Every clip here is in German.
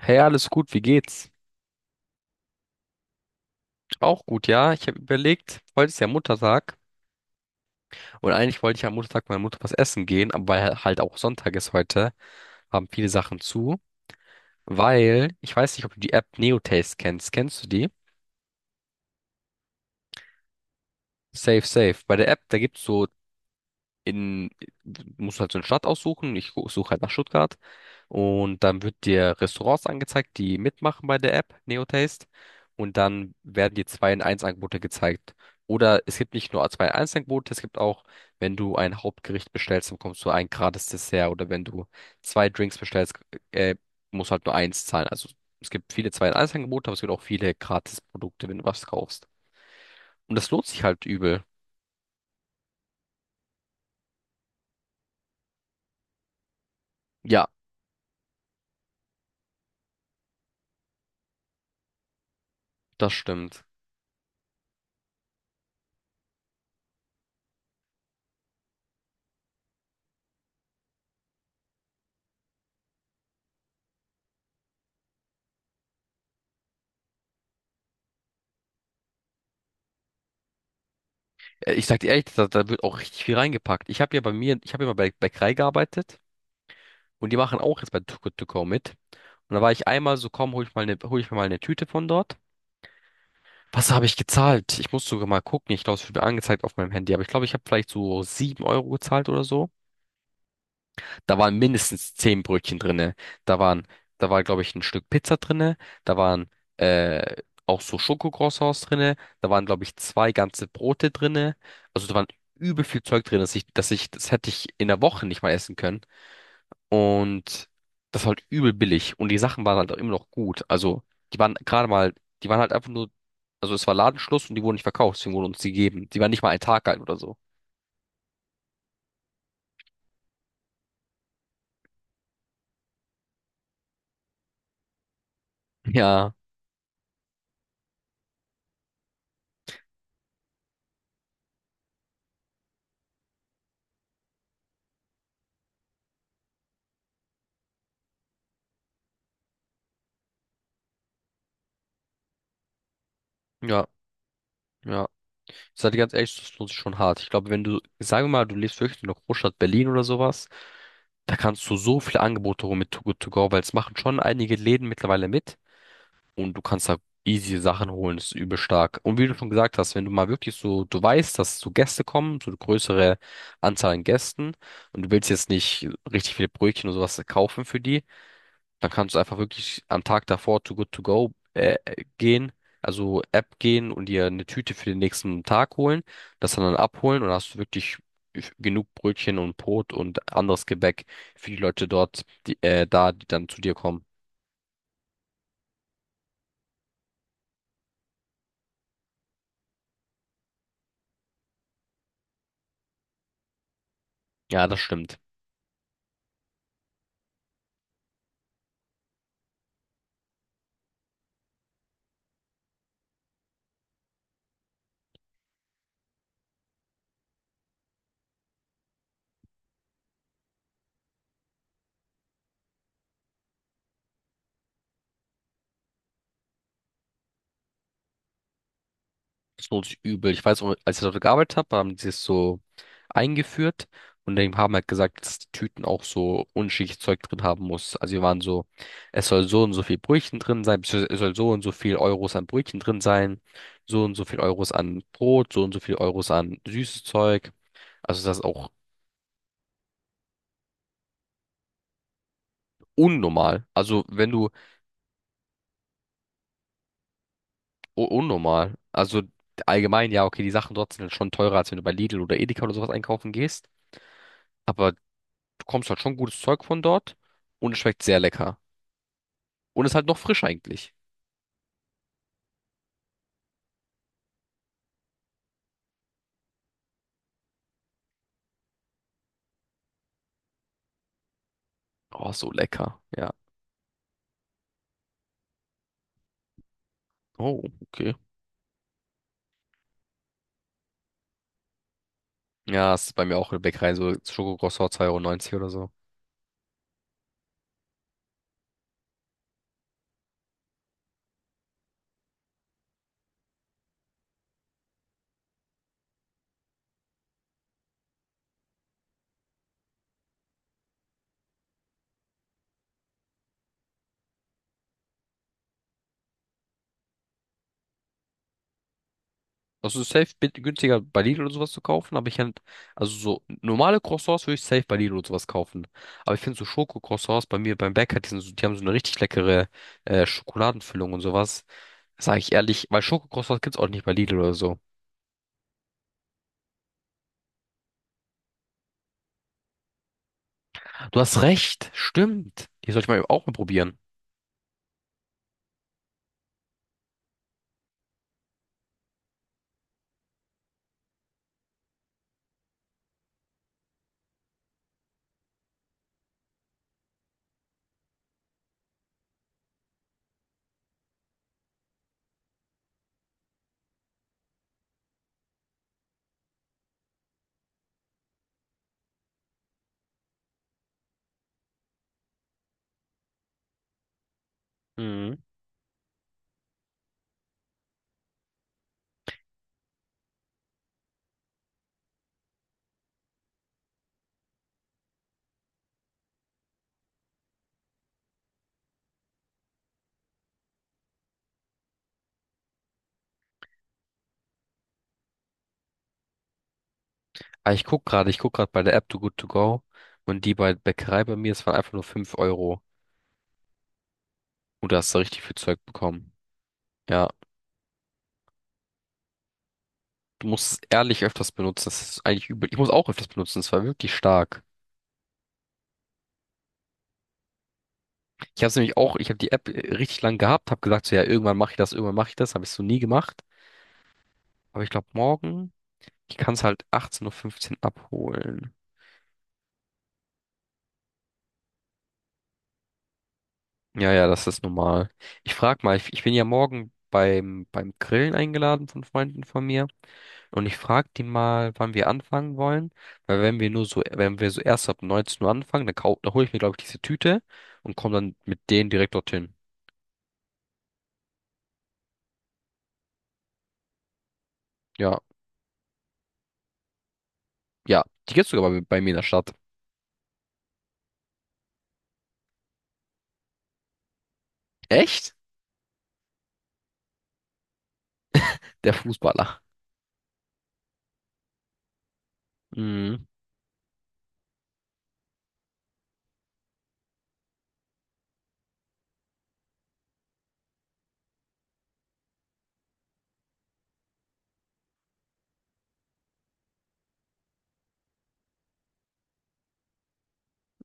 Hey, alles gut, wie geht's? Auch gut, ja. Ich habe überlegt, heute ist ja Muttertag und eigentlich wollte ich am Muttertag meiner Mutter was essen gehen, aber weil halt auch Sonntag ist heute, haben viele Sachen zu, weil ich weiß nicht, ob du die App NeoTaste kennst. Kennst du die? Safe, safe. Bei der App, da gibt's so in, musst halt so eine Stadt aussuchen. Suche halt nach Stuttgart. Und dann wird dir Restaurants angezeigt, die mitmachen bei der App NeoTaste. Und dann werden dir zwei in eins angebote gezeigt. Oder es gibt nicht nur zwei in eins angebote, es gibt auch, wenn du ein Hauptgericht bestellst, dann bekommst du ein gratis Dessert. Oder wenn du zwei Drinks bestellst, äh, musst halt nur eins zahlen. Also es gibt viele zwei in eins angebote, aber es gibt auch viele Gratis-Produkte, wenn du was kaufst. Und das lohnt sich halt übel. Ja, das stimmt. Ich sag dir ehrlich, da wird auch richtig viel reingepackt. Ich habe ja mal bei Bäckerei gearbeitet und die machen auch jetzt bei Too Good To Go mit. Und da war ich einmal so, komm, hol ich mir mal eine Tüte von dort. Was habe ich gezahlt? Ich muss sogar mal gucken. Ich glaube, es wird mir angezeigt auf meinem Handy, aber ich glaube, ich habe vielleicht so 7 Euro gezahlt oder so. Da waren mindestens 10 Brötchen drinne. Da waren, da war, glaube ich, ein Stück Pizza drinne. Da waren äh, auch so Schokocroissants drinne. Da waren, glaube ich, zwei ganze Brote drinne. Also da waren übel viel Zeug drin, das hätte ich in der Woche nicht mal essen können. Und das war halt übel billig. Und die Sachen waren halt auch immer noch gut. Also die waren gerade mal, die waren halt einfach nur, also es war Ladenschluss und die wurden nicht verkauft, deswegen wurden uns die gegeben. Die waren nicht mal ein Tag alt oder so. Ja, ja, ja. Ich sag dir ganz ehrlich, das lohnt sich schon hart. Ich glaube, wenn du, sagen wir mal, du lebst wirklich in der Großstadt Berlin oder sowas, da kannst du so viele Angebote holen mit Too Good To Go, weil es machen schon einige Läden mittlerweile mit, und du kannst da easy Sachen holen, das ist übel stark. Und wie du schon gesagt hast, wenn du mal wirklich so, du weißt, dass so Gäste kommen, so eine größere Anzahl an Gästen und du willst jetzt nicht richtig viele Brötchen oder sowas kaufen für die, dann kannst du einfach wirklich am Tag davor to Good To Go gehen, also App gehen und dir eine Tüte für den nächsten Tag holen, das dann abholen, und hast du wirklich genug Brötchen und Brot und anderes Gebäck für die Leute dort, die dann zu dir kommen. Ja, das stimmt. So übel. Ich weiß, als ich dort gearbeitet habe, haben die es so eingeführt und die haben halt gesagt, dass die Tüten auch so unschichtes Zeug drin haben muss. Also wir waren so, es soll so und so viel Brötchen drin sein, beziehungsweise es soll so und so viel Euros an Brötchen drin sein, so und so viel Euros an Brot, so und so viel Euros an süßes Zeug. Also das ist auch unnormal. Also wenn du u- Unnormal, also allgemein, ja, okay, die Sachen dort sind schon teurer, als wenn du bei Lidl oder Edeka oder sowas einkaufen gehst. Aber bekommst halt schon gutes Zeug von dort und es schmeckt sehr lecker. Und ist halt noch frisch eigentlich. Oh, so lecker. Ja. Oh, okay. Ja, es ist bei mir auch in der Bäckerei, so Schokokroissant 2,90 Euro neunzig oder so. Also günstiger bei Lidl oder sowas zu kaufen, aber also so normale Croissants würde ich safe bei Lidl oder sowas kaufen. Aber ich finde so Schokocroissants bei mir beim Bäcker, die sind so, die haben so eine richtig leckere Schokoladenfüllung und sowas. Sage ich ehrlich, weil Schokocroissants gibt's auch nicht bei Lidl oder so. Du hast recht, stimmt. Die soll ich mal auch mal probieren. Mhm. Ah, ich guck gerade bei der App Too Good To Go, und die bei Bäckerei bei mir, es waren einfach nur 5 Euro. Und da hast du richtig viel Zeug bekommen. Ja, du musst es ehrlich öfters benutzen. Das ist eigentlich übel. Ich muss auch öfters benutzen. Es war wirklich stark. Ich habe es nämlich auch, ich habe die App richtig lang gehabt, habe gesagt, so ja, irgendwann mache ich das, irgendwann mache ich das. Habe ich so nie gemacht. Aber ich glaube, morgen, ich kann es halt 18:15 Uhr fünfzehn abholen. Ja, ja, das ist normal. Ich frag mal, ich bin ja morgen beim Grillen eingeladen von Freunden von mir. Und ich frage die mal, wann wir anfangen wollen. Weil wenn wir nur so, Wenn wir so erst ab 19 Uhr anfangen, dann hole ich mir, glaube ich, diese Tüte und komme dann mit denen direkt dorthin. Ja, ja. Die gibt's sogar bei mir in der Stadt. Echt? Der Fußballer. Mhm,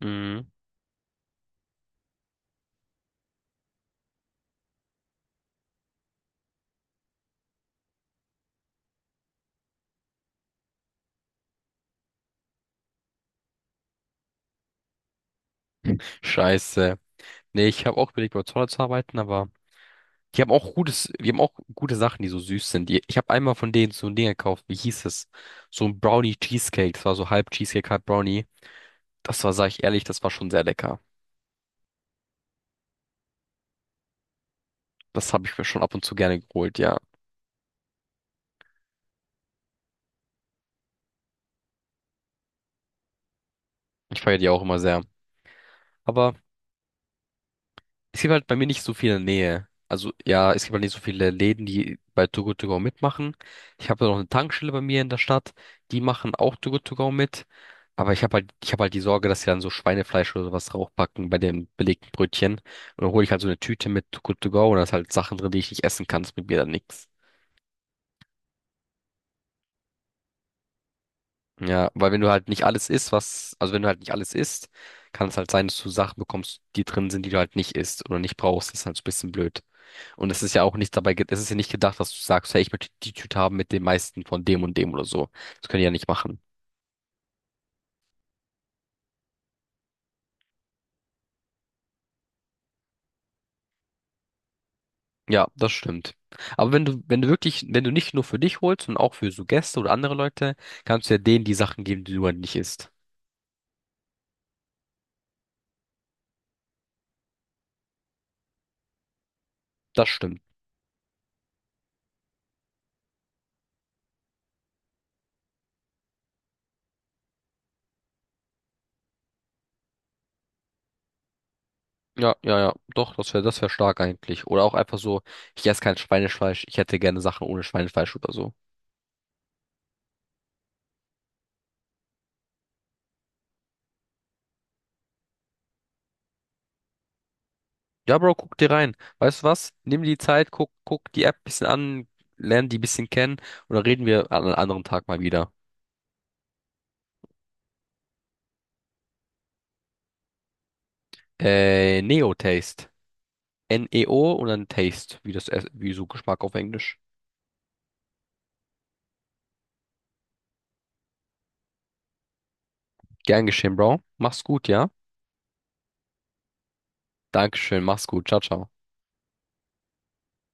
mhm. Scheiße. Nee, ich habe auch überlegt, bei Zoller zu arbeiten, aber die haben auch gute Sachen, die so süß sind. Ich habe einmal von denen so ein Ding gekauft, wie hieß es? So ein Brownie Cheesecake. Das war so halb Cheesecake, halb Brownie. Das war, sag ich ehrlich, das war schon sehr lecker. Das habe ich mir schon ab und zu gerne geholt, ja. Ich feiere die auch immer sehr. Aber es gibt halt bei mir nicht so viel in der Nähe. Also ja, es gibt halt nicht so viele Läden, die bei Too Good To Go mitmachen. Ich habe noch eine Tankstelle bei mir in der Stadt, die machen auch Too Good To Go mit. Aber ich habe halt die Sorge, dass sie dann so Schweinefleisch oder sowas draufpacken bei den belegten Brötchen. Und dann hole ich halt so eine Tüte mit Too Good To Go, und da ist halt Sachen drin, die ich nicht essen kann. Das bringt mir dann nichts. Ja, weil wenn du halt nicht alles isst, was, also wenn du halt nicht alles isst, kann es halt sein, dass du Sachen bekommst, die drin sind, die du halt nicht isst oder nicht brauchst. Das ist halt so ein bisschen blöd. Und es ist ja auch nicht dabei, es ist ja nicht gedacht, dass du sagst, hey, ich möchte die Tüte haben mit dem meisten von dem und dem oder so. Das können die ja nicht machen. Ja, das stimmt. Aber wenn du nicht nur für dich holst, sondern auch für so Gäste oder andere Leute, kannst du ja denen die Sachen geben, die du halt nicht isst. Das stimmt. Ja, ja, ja. Doch, das wär stark eigentlich. Oder auch einfach so, ich esse kein Schweinefleisch, ich hätte gerne Sachen ohne Schweinefleisch oder so. Ja, Bro, guck dir rein. Weißt du was? Nimm die Zeit, guck die App ein bisschen an, lern die ein bisschen kennen, und dann reden wir an einem anderen Tag mal wieder. Neo-Taste. NEO Taste. NEO und dann Taste, wie wie so Geschmack auf Englisch. Gern geschehen, Bro. Mach's gut, ja? Dankeschön, mach's gut. Ciao, ciao.